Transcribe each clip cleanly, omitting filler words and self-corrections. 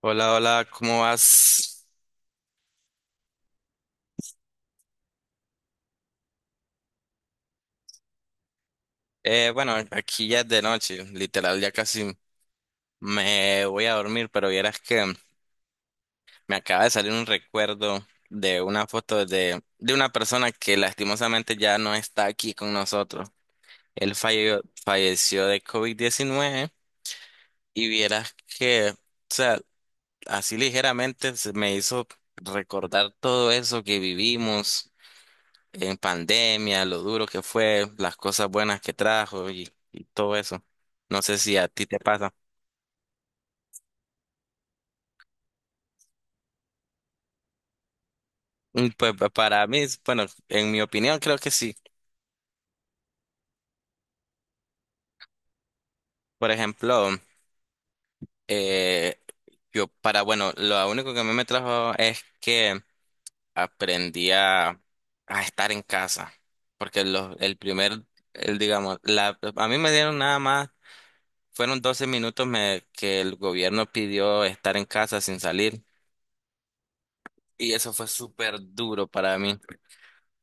Hola, hola, ¿cómo vas? Bueno, aquí ya es de noche, literal, ya casi me voy a dormir, pero vieras que me acaba de salir un recuerdo de una foto de una persona que lastimosamente ya no está aquí con nosotros. Él falleció de COVID-19 y vieras que, o sea, así ligeramente se me hizo recordar todo eso que vivimos en pandemia, lo duro que fue, las cosas buenas que trajo y todo eso. No sé si a ti te pasa. Pues para mí, bueno, en mi opinión creo que sí. Por ejemplo, eh, yo para, bueno, lo único que a mí me trajo es que aprendí a estar en casa, porque los el primer, el, digamos, la, a mí me dieron nada más, fueron 12 minutos me, que el gobierno pidió estar en casa sin salir. Y eso fue súper duro para mí.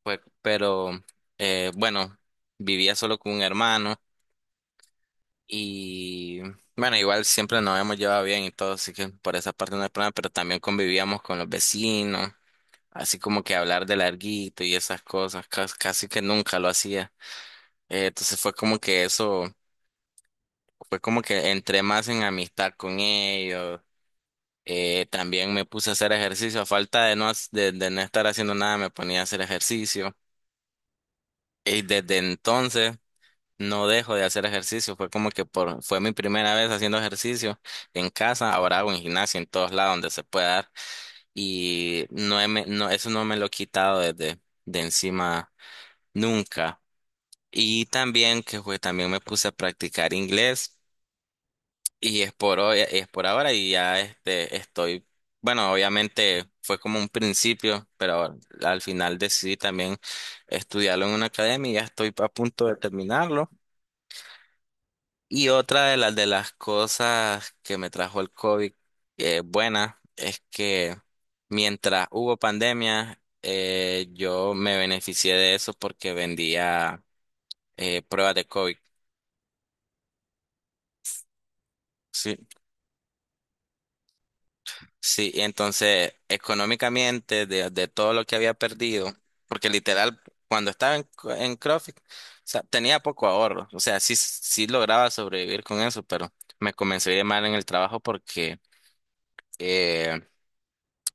Pues, pero bueno, vivía solo con un hermano y bueno, igual siempre nos habíamos llevado bien y todo, así que por esa parte no hay problema, pero también convivíamos con los vecinos, así como que hablar de larguito y esas cosas, casi que nunca lo hacía. Entonces fue como que eso, fue como que entré más en amistad con ellos. También me puse a hacer ejercicio, a falta de no, de no estar haciendo nada, me ponía a hacer ejercicio. Y desde entonces. No dejo de hacer ejercicio, fue como que por, fue mi primera vez haciendo ejercicio en casa, ahora hago en gimnasia en todos lados donde se pueda dar y no, no eso no me lo he quitado desde de encima nunca. Y también que fue, también me puse a practicar inglés y es por hoy, es por ahora y ya este estoy, bueno, obviamente fue como un principio, pero al final decidí también estudiarlo en una academia y ya estoy a punto de terminarlo. Y otra de las cosas que me trajo el COVID buena es que mientras hubo pandemia, yo me beneficié de eso porque vendía pruebas de COVID. Sí, sí, y entonces económicamente de todo lo que había perdido, porque literal cuando estaba en CrossFit, o sea, tenía poco ahorro, o sea, sí, sí lograba sobrevivir con eso, pero me comencé a ir mal en el trabajo porque eh,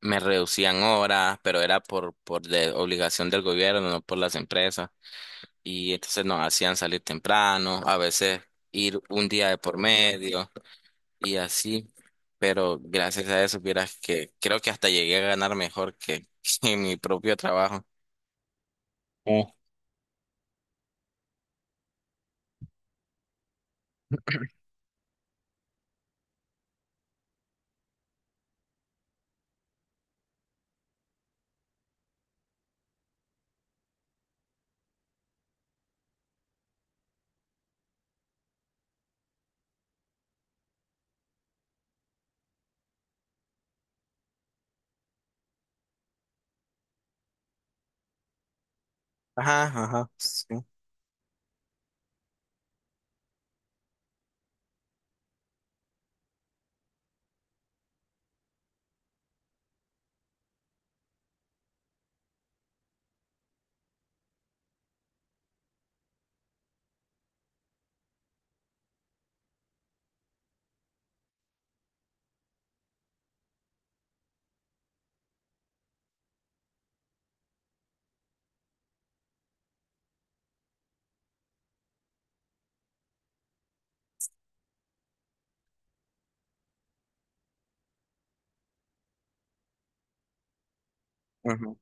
me reducían horas, pero era por de obligación del gobierno, no por las empresas. Y entonces nos hacían salir temprano, a veces ir un día de por medio y así. Pero gracias a eso, vieras que creo que hasta llegué a ganar mejor que, que en mi propio trabajo. Eh, Ajá, ajá, sí. Ujú.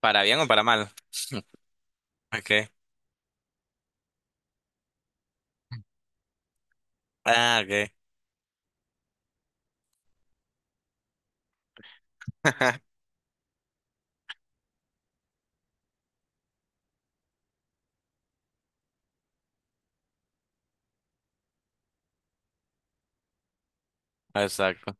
Para bien o para mal. Okay. Ah, okay. Exacto.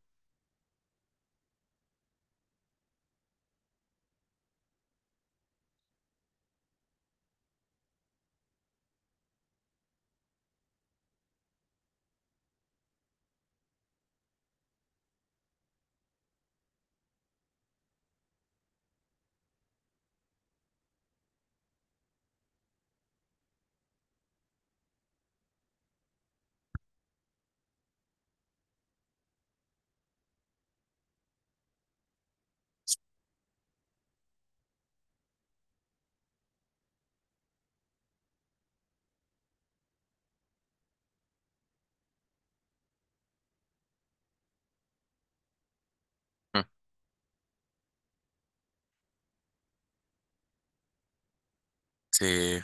Sí.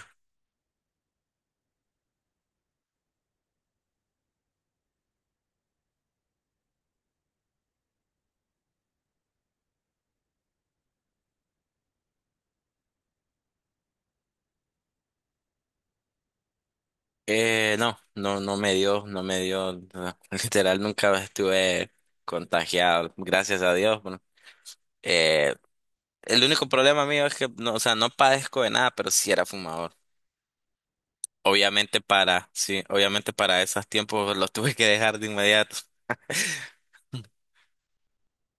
No, no, no me dio, no me dio, no, literal nunca estuve contagiado, gracias a Dios. Bueno, eh, el único problema mío es que, no, o sea, no padezco de nada, pero sí era fumador. Obviamente para, sí, obviamente para esos tiempos los tuve que dejar de inmediato.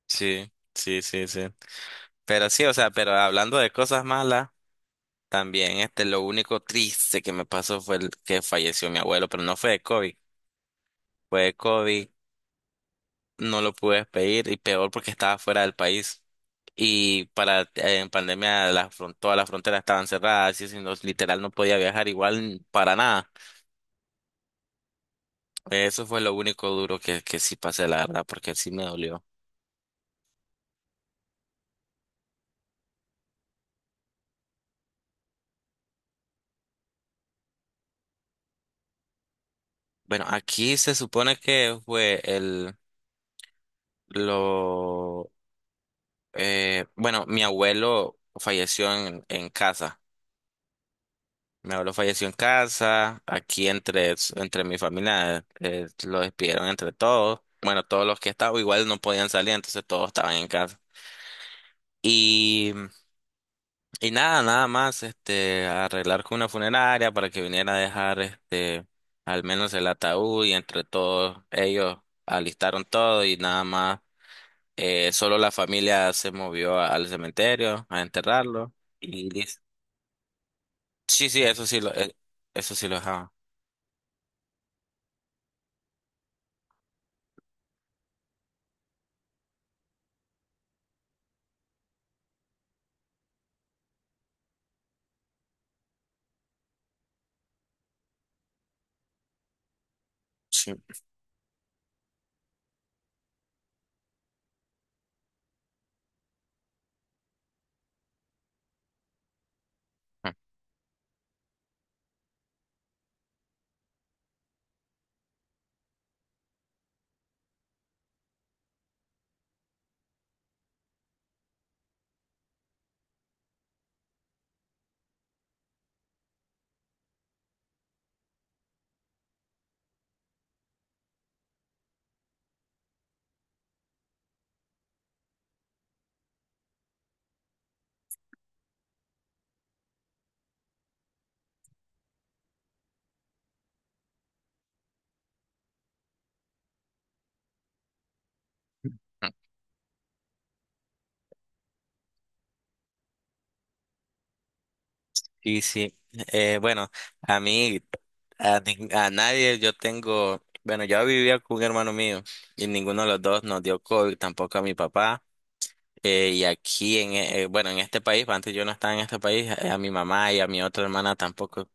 Sí, sí, sí, sí. Pero sí, o sea, pero hablando de cosas malas, también este, lo único triste que me pasó fue el que falleció mi abuelo, pero no fue de COVID, fue de COVID no lo pude pedir y peor porque estaba fuera del país. Y para en pandemia la todas las fronteras estaban cerradas, y si no, literal no podía viajar igual para nada. Eso fue lo único duro que sí pasé, la verdad, porque sí me dolió. Bueno, aquí se supone que fue el lo bueno, mi abuelo falleció en casa. Mi abuelo falleció en casa, aquí entre mi familia lo despidieron entre todos. Bueno, todos los que estaban igual no podían salir, entonces todos estaban en casa. Y, y nada, nada más, este, arreglar con una funeraria para que viniera a dejar este, al menos el ataúd y entre todos ellos alistaron todo y nada más. Solo la familia se movió al cementerio a enterrarlo y listo. Sí, sí, eso sí lo dejaba. Sí. Sí, sí. Bueno, a mí, a nadie, yo tengo, bueno, yo vivía con un hermano mío y ninguno de los dos nos dio COVID, tampoco a mi papá. Y aquí, bueno, en este país, antes yo no estaba en este país, mi mamá y a mi otra hermana tampoco.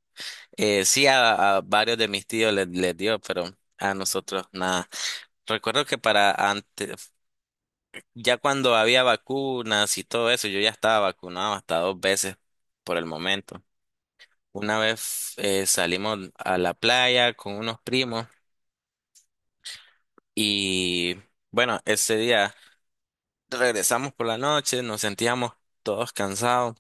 Sí, a varios de mis tíos les dio, pero a nosotros nada. Recuerdo que para antes, ya cuando había vacunas y todo eso, yo ya estaba vacunado hasta dos veces por el momento. Una vez salimos a la playa con unos primos y bueno, ese día regresamos por la noche, nos sentíamos todos cansados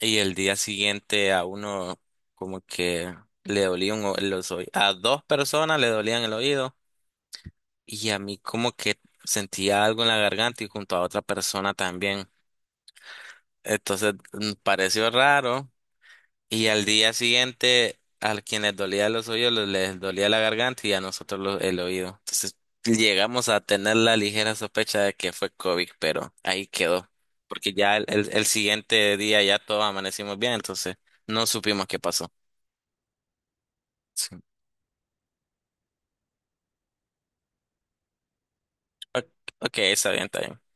y el día siguiente a uno como que le dolía los oídos, a dos personas le dolían el oído y a mí como que sentía algo en la garganta y junto a otra persona también. Entonces pareció raro. Y al día siguiente, a quienes dolía los oídos, les dolía la garganta y a nosotros el oído. Entonces llegamos a tener la ligera sospecha de que fue COVID, pero ahí quedó. Porque ya el siguiente día ya todos amanecimos bien, entonces no supimos qué pasó. Sí. O- Ok, está bien, está bien.